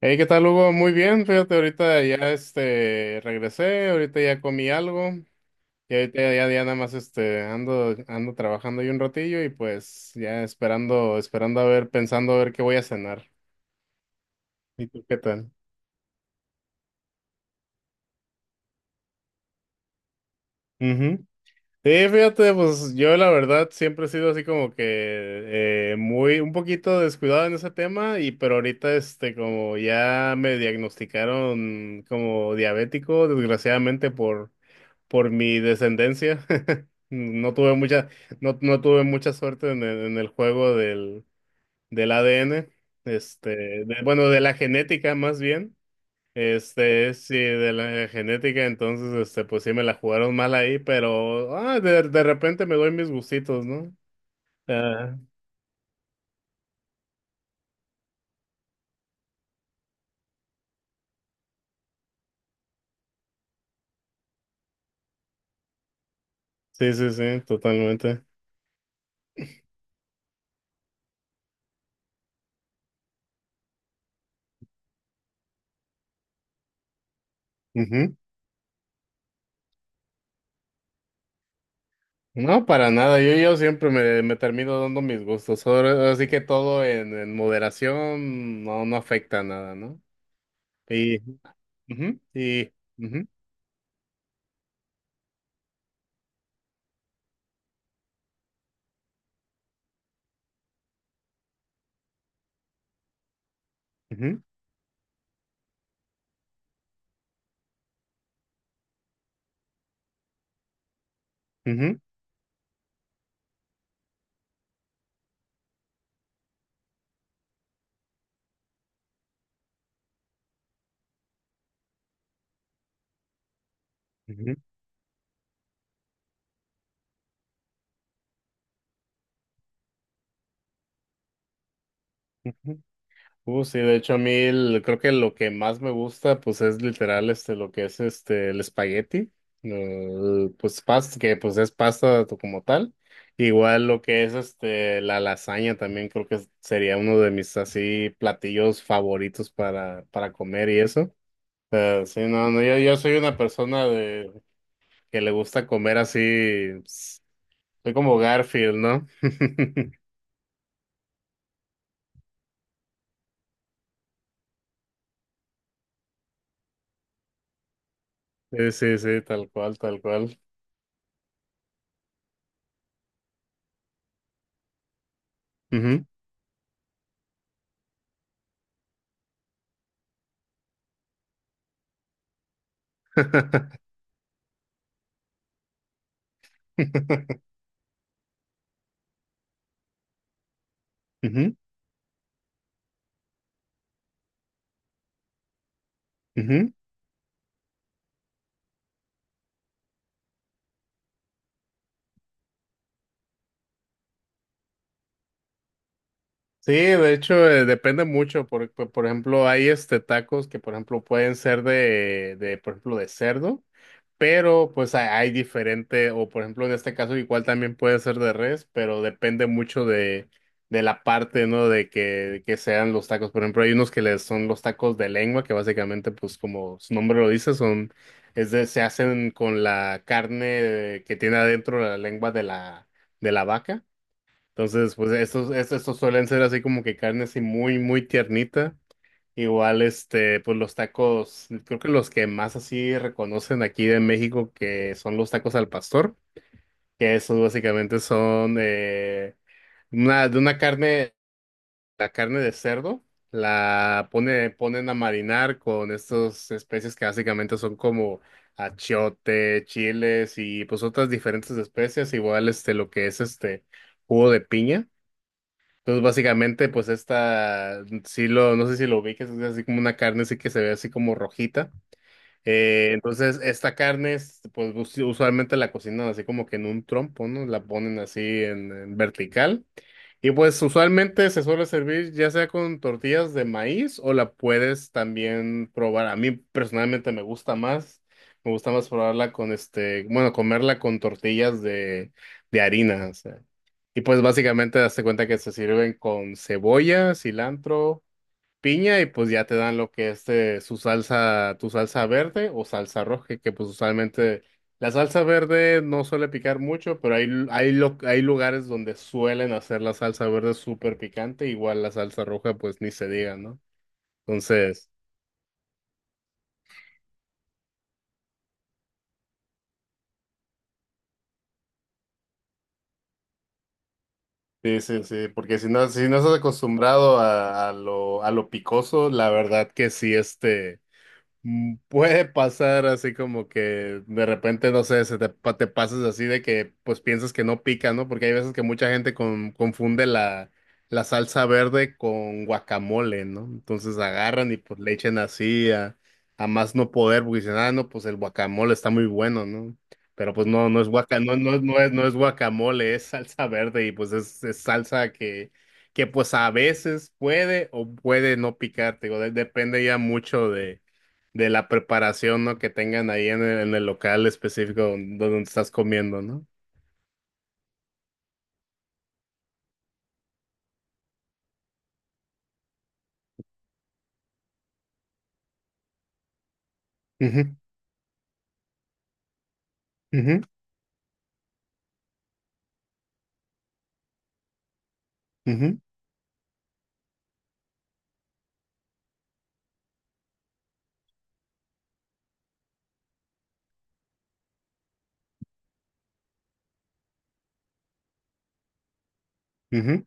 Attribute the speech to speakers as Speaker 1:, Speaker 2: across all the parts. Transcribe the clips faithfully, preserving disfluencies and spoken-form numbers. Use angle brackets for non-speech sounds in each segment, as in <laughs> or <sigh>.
Speaker 1: Hey, ¿qué tal, Hugo? Muy bien, fíjate, ahorita ya este regresé, ahorita ya comí algo, y ahorita ya, ya nada más este ando, ando trabajando ahí un ratillo y pues ya esperando, esperando a ver, pensando a ver qué voy a cenar. ¿Y tú qué tal? Ujú. Sí, fíjate, pues yo la verdad siempre he sido así como que eh, muy, un poquito descuidado en ese tema, y pero ahorita este como ya me diagnosticaron como diabético, desgraciadamente por por mi descendencia. <laughs> No tuve mucha, no, no tuve mucha suerte en el, en el juego del, del A D N, este, de- bueno, de la genética más bien. Este, sí, de la genética, entonces, este, pues sí me la jugaron mal ahí, pero ah, de, de repente me doy mis gustitos, ¿no? Ah, sí, sí, sí, totalmente. Ujú. No, para nada. Yo, yo siempre me, me termino dando mis gustos. Ahora- Así que todo en, en moderación no, no afecta a nada, ¿no? Ujú, y, ujú, ujú, ujú, ujú, ujú. Uh, sí, de hecho a mí el- creo que lo que más me gusta pues es literal este lo que es este el espagueti, el, pues pasta que pues es pasta to- como tal. Igual lo que es este la lasaña también creo que sería uno de mis así platillos favoritos para para comer y eso. Eh, sí, no, no, yo, yo soy una persona de que le gusta comer así, pues, soy como Garfield, ¿no? <laughs> Sí, sí, sí, tal cual, tal cual. Ujú. <laughs> Ujú, ujú. Sí, de hecho, eh, depende mucho. Por, por, por ejemplo, hay este tacos que, por ejemplo, pueden ser de, de, por ejemplo, de cerdo. Pero pues hay, hay diferente, o por ejemplo en este caso igual también puede ser de res, pero depende mucho de, de la parte, ¿no? De que, que sean los tacos. Por ejemplo, hay unos que les son los tacos de lengua, que básicamente pues como su nombre lo dice, son, es de, se hacen con la carne que tiene adentro la lengua de la, de la vaca. Entonces, pues estos, estos, estos suelen ser así como que carne así muy, muy tiernita. Igual, este, pues los tacos, creo que los que más así reconocen aquí de México que son los tacos al pastor, que esos básicamente son eh, una, de una carne, la carne de cerdo, la pone, ponen a marinar con estas especies que básicamente son como achiote, chiles y pues otras diferentes especies, igual este, lo que es este jugo de piña. Entonces, básicamente, pues esta, sí lo, no sé si lo ubiques, es así como una carne así que se ve así como rojita. Eh, entonces, esta carne, es, pues us- usualmente la cocinan así como que en un trompo, ¿no? La ponen así en, en vertical. Y pues usualmente se suele servir ya sea con tortillas de maíz o la puedes también probar. A mí personalmente me gusta más, me gusta más probarla con este, bueno, comerla con tortillas de, de harina. O sea. Y pues básicamente das cuenta que se sirven con cebolla, cilantro piña y pues ya te dan lo que es eh, su salsa, tu salsa verde o salsa roja, que, que, pues usualmente la salsa verde no suele picar mucho, pero hay, lu- hay, lo- hay lugares donde suelen hacer la salsa verde súper picante, igual la salsa roja pues ni se diga, ¿no? Entonces, sí, sí, sí, porque si no, si no estás acostumbrado a, a lo, a lo picoso, la verdad que sí, este... Mm, Puede pasar así como que de repente, no sé, se te, pa- te pasas así de que pues piensas que no pica, ¿no? Porque hay veces que mucha gente con- confunde la, la salsa verde con guacamole, ¿no? Entonces agarran y pues le echen así a, a más no poder, porque dicen, ah, no, pues el guacamole está muy bueno, ¿no? Pero pues no, no es guaca, no, no, no es, no es guacamole, es, salsa verde y pues es, es salsa que, que pues a veces puede o puede no picar, te digo, de- depende ya mucho de la preparación, ¿no? Que tengan ahí en el, en el local específico don- donde, estás comiendo, ¿no? Ujú, ujú, ujú, ujú.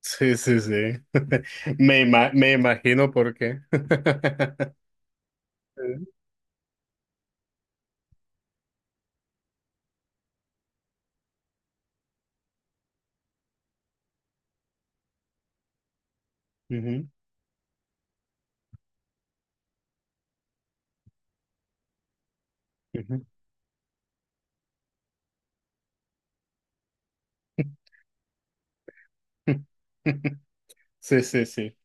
Speaker 1: Sí, sí, sí. <laughs> Me ima- me imagino por qué. <laughs> Ujú, ujú. <laughs> Sí, sí, sí.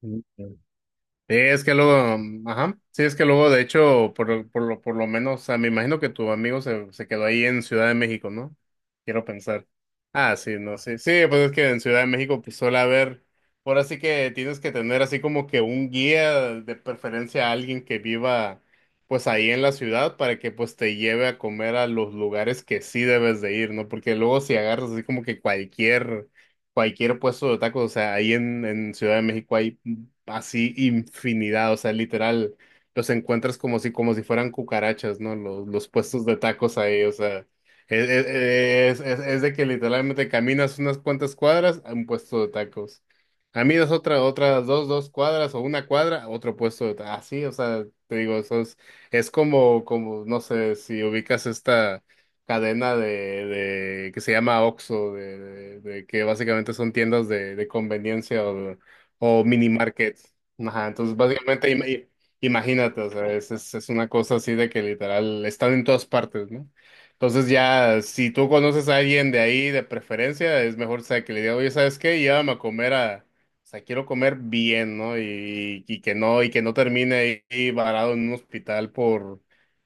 Speaker 1: Ujú. Sí, es que luego, mm, ajá, sí, es que luego, de hecho, por, lo- por lo, por lo menos, o sea, me imagino que tu amigo se, se quedó ahí en Ciudad de México, ¿no? Quiero pensar. Ah, sí, no, sí, sí, pues es que en Ciudad de México, pues suele haber, ahora sí que tienes que tener así como que un guía, de preferencia a alguien que viva, pues ahí en la ciudad, para que pues te lleve a comer a los lugares que sí debes de ir, ¿no? Porque luego si agarras así como que cualquier, cualquier puesto de tacos, o sea, ahí en, en Ciudad de México hay así infinidad, o sea, literal, los encuentras como si, como si fueran cucarachas, ¿no? Los, los puestos de tacos ahí, o sea, es, es, es- es- es de que literalmente caminas unas cuantas cuadras a un puesto de tacos. Caminas otra, otras dos, dos cuadras o una cuadra, a otro puesto de tacos. Así, o sea, te digo, eso es, es como, como, no sé, si ubicas esta cadena de, de que se llama Oxxo, de, de- de que básicamente son tiendas de, de conveniencia o mini market. Ajá, entonces básicamente ima- i- imagínate, o sea, es, es, es una cosa así de que literal están en todas partes, ¿no? Entonces ya, si tú conoces a alguien de ahí de preferencia, es mejor, o sea, que le diga, oye, ¿sabes qué? Llévame a comer a, o sea, quiero comer bien, ¿no? Y, y que no, y que no termine ahí varado en un hospital por,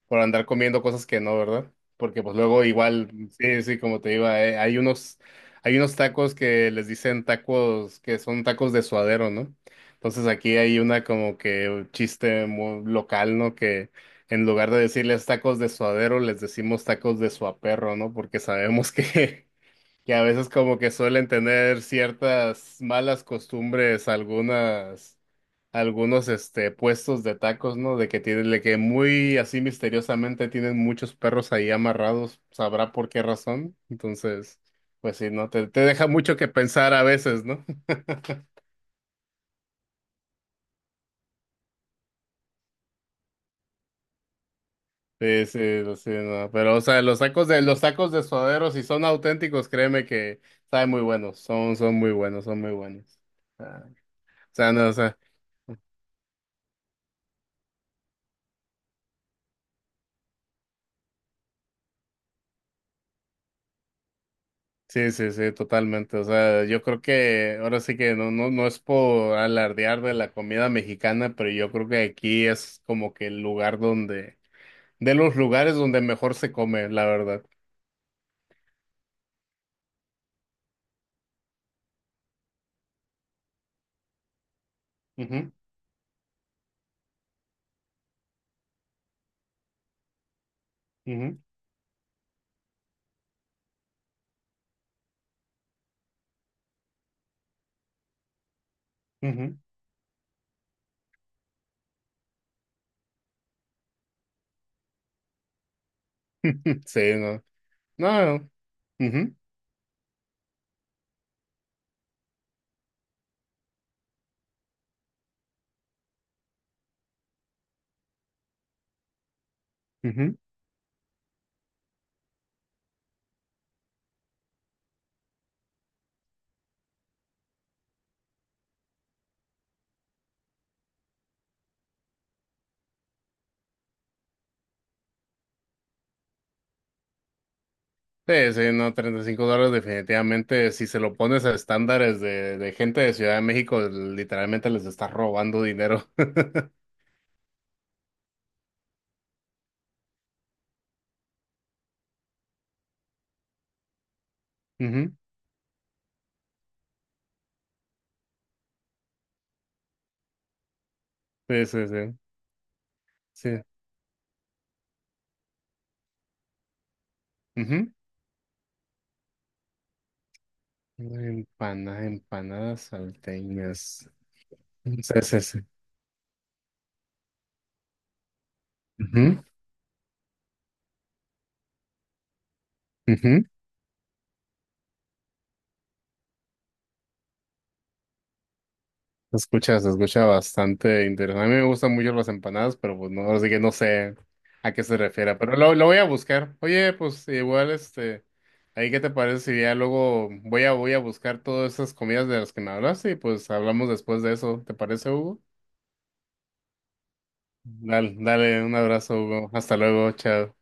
Speaker 1: por andar comiendo cosas que no, ¿verdad? Porque pues luego igual, sí, sí, como te iba, eh, hay unos hay unos tacos que les dicen tacos, que son tacos de suadero, ¿no? Entonces aquí hay una como que un chiste muy local, ¿no? Que en lugar de decirles tacos de suadero, les decimos tacos de suaperro, ¿no? Porque sabemos que, <laughs> que a veces como que suelen tener ciertas malas costumbres algunas, algunos este puestos de tacos, ¿no? De que tienen, de que muy así misteriosamente tienen muchos perros ahí amarrados, sabrá por qué razón. Entonces, pues sí, ¿no? Te, te deja mucho que pensar a veces, ¿no? <laughs> Sí, sí, lo- sí, no. Pero, o sea, los tacos de, los tacos de suadero, si son auténticos, créeme que saben muy buenos, son, son muy buenos, son muy buenos. Ah. O sea, no, o sea, Sí, sí, sí, totalmente. O sea, yo creo que ahora sí que no, no, no es por alardear de la comida mexicana, pero yo creo que aquí es como que el lugar donde, de los lugares donde mejor se come, la verdad. Ujú, ujú, ujú. <laughs> Sí, no. No. Ujú, ujú. Sí, sí, no, treinta y cinco dólares definitivamente, si se lo pones a estándares de, de gente de Ciudad de México, literalmente les está robando dinero. <laughs> Ujú. Sí, sí, sí. Sí. Ujú. Empanadas, empanadas salteñas. Sí, sí, sí. Ujú, ujú. Se escucha, se escucha bastante interesante. A mí me gustan mucho las empanadas, pero pues no, así que no sé a qué se refiere. Pero lo, lo voy a buscar. Oye, pues igual, este, ahí qué te parece si ya luego voy a, voy a buscar todas esas comidas de las que me hablaste y pues hablamos después de eso. ¿Te parece, Hugo? Dale, dale, un abrazo, Hugo. Hasta luego, chao.